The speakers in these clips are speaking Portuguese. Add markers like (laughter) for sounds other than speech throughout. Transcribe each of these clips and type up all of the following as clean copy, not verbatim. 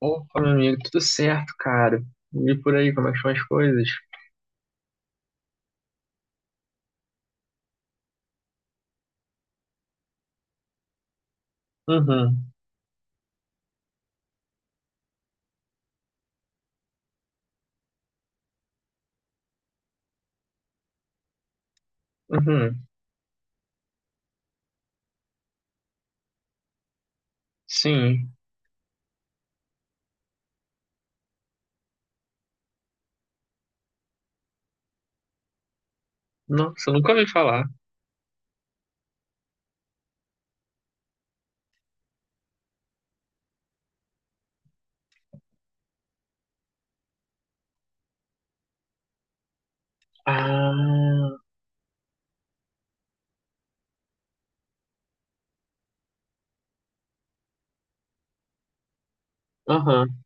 Opa, meu amigo, tudo certo, cara? E por aí, como é que são as coisas? Uhum, uhum, sim. Nossa, eu nunca ouvi falar. Ah, aham,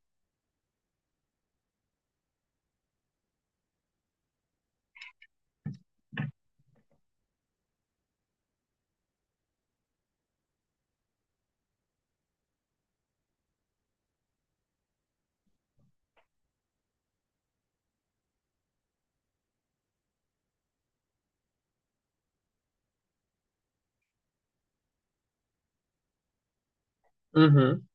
uhum.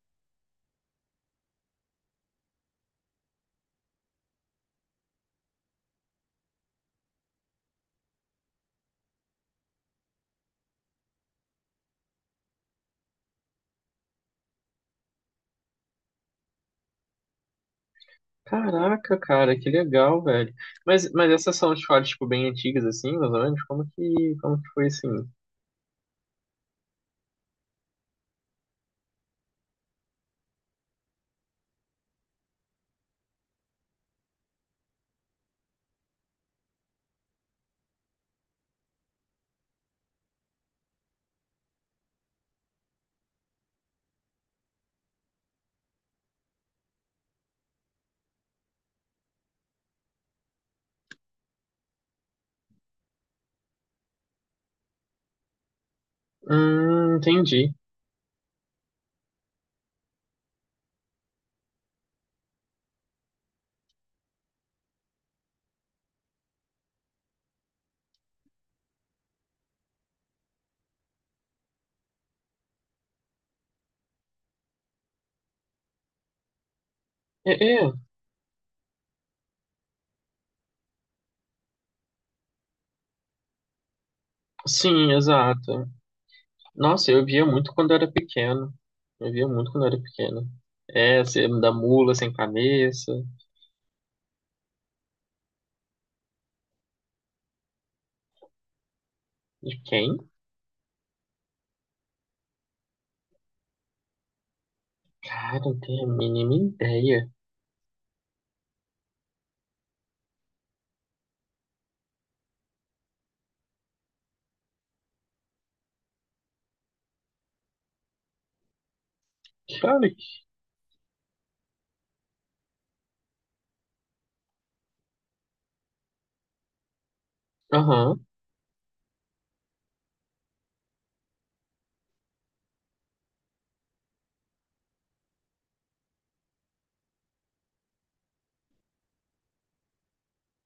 Caraca, cara, que legal, velho. Mas essas são escolas, tipo, bem antigas, assim, mais ou menos? Como que foi, assim? Entendi. É, é, sim, exato. Nossa, eu via muito quando eu era pequeno. Eu via muito quando eu era pequeno. É, você da mula sem cabeça. De quem? Cara, eu tenho a mínima ideia. Claro que. Aham.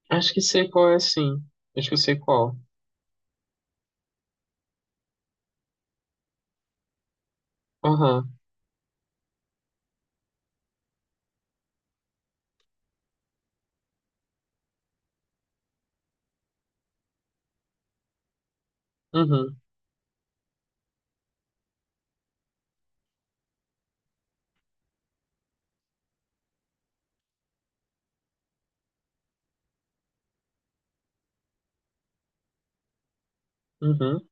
Acho que sei qual é, sim. Acho que eu sei qual. Aham. Uhum. Uhum.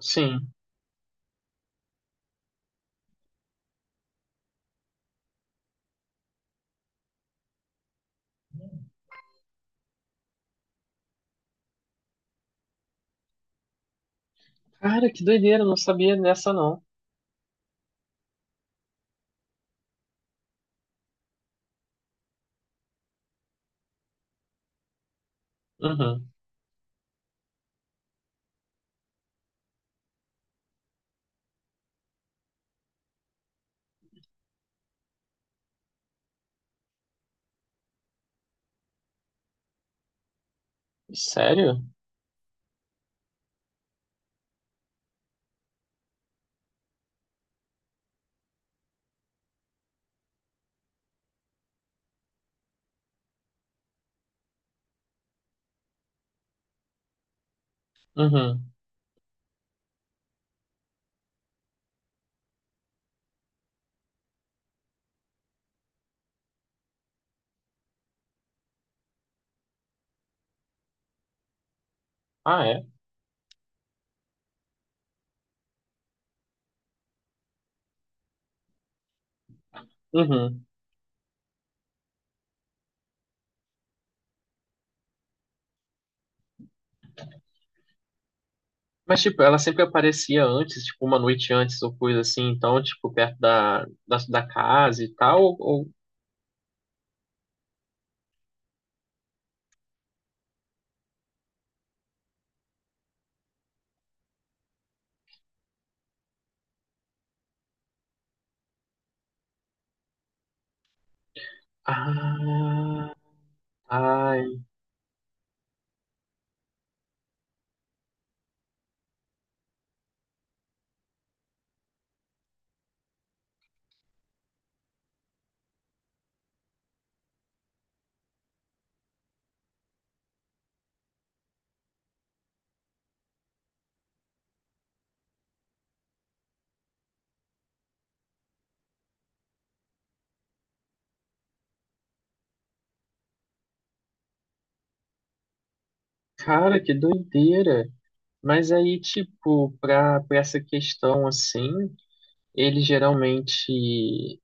Sim. Cara, que doideira, não sabia dessa, não. Uhum. Sério? Uhum. Ah, é? Uhum. Mas, tipo, ela sempre aparecia antes, tipo, uma noite antes ou coisa assim, então, tipo, perto da casa e tal, ou- Ah, ai, cara, que doideira. Mas aí, tipo, pra essa questão, assim, ele geralmente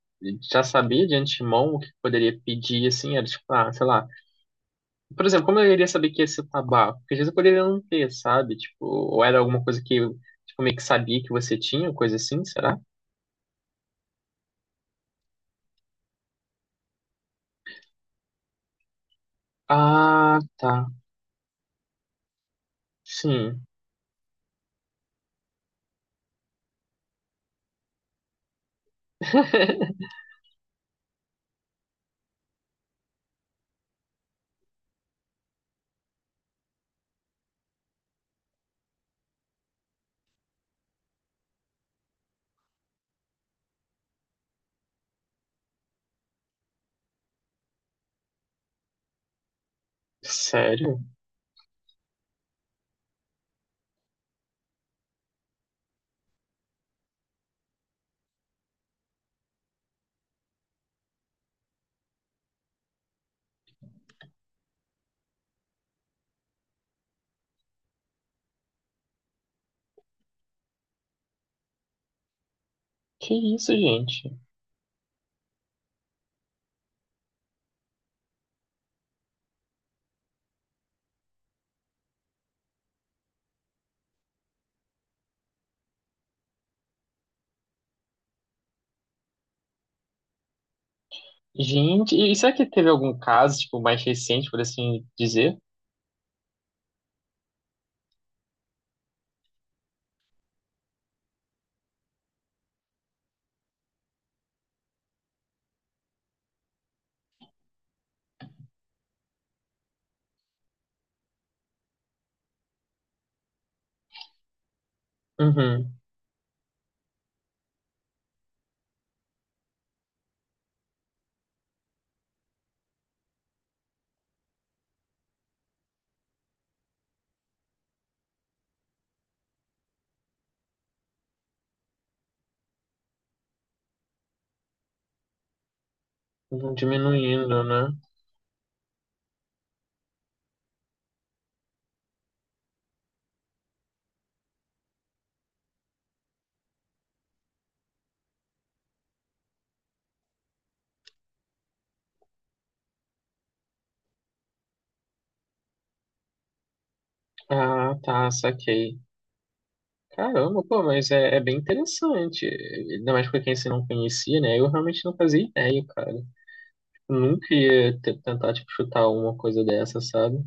já sabia de antemão o que poderia pedir, assim, era tipo, ah, sei lá. Por exemplo, como eu iria saber que ia ser tabaco? Porque às vezes eu poderia não ter, sabe? Tipo, ou era alguma coisa que eu, tipo, meio que sabia que você tinha, coisa assim, será? Ah, tá. Sim. (laughs) Sério? Que isso, gente? Gente, e será que teve algum caso, tipo, mais recente, por assim dizer? Uhum. Diminuindo, né? Ah, tá, saquei. Caramba, pô, mas é, é bem interessante. Ainda mais pra quem você não conhecia, né? Eu realmente não fazia ideia, cara. Eu nunca ia te- tentar, tipo, chutar uma coisa dessa, sabe?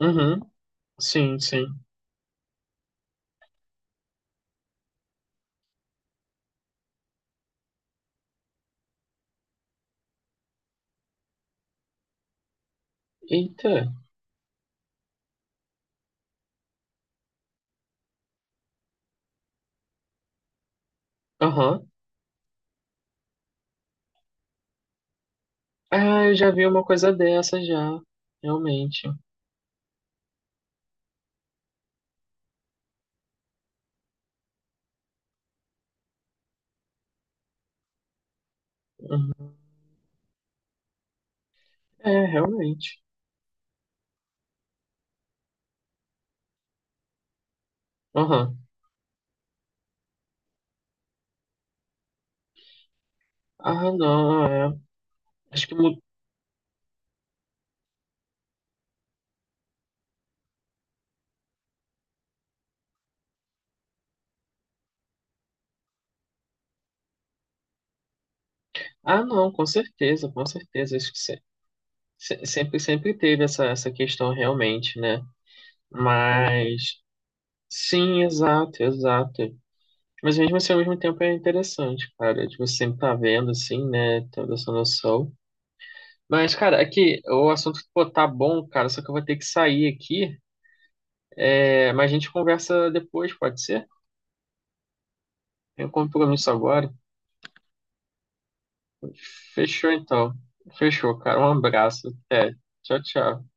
Uhum, sim, sim. Eita, aham. Ah, eu já vi uma coisa dessa já. Realmente. Uhum. É, realmente. Aham. Ah, não, é. Acho que mudou. Ah, não, com certeza, com certeza. Acho que sempre, sempre teve essa, essa questão realmente, né? Mas. Sim, exato, exato. Mas mesmo assim, ao mesmo tempo é interessante, cara. Tipo, você sempre tá vendo, assim, né? Tendo essa noção. Mas, cara, aqui, o assunto, pô, tá bom, cara, só que eu vou ter que sair aqui. É, mas a gente conversa depois, pode ser? Tenho um compromisso agora. Fechou, então. Fechou, cara. Um abraço. Até. Tchau, tchau.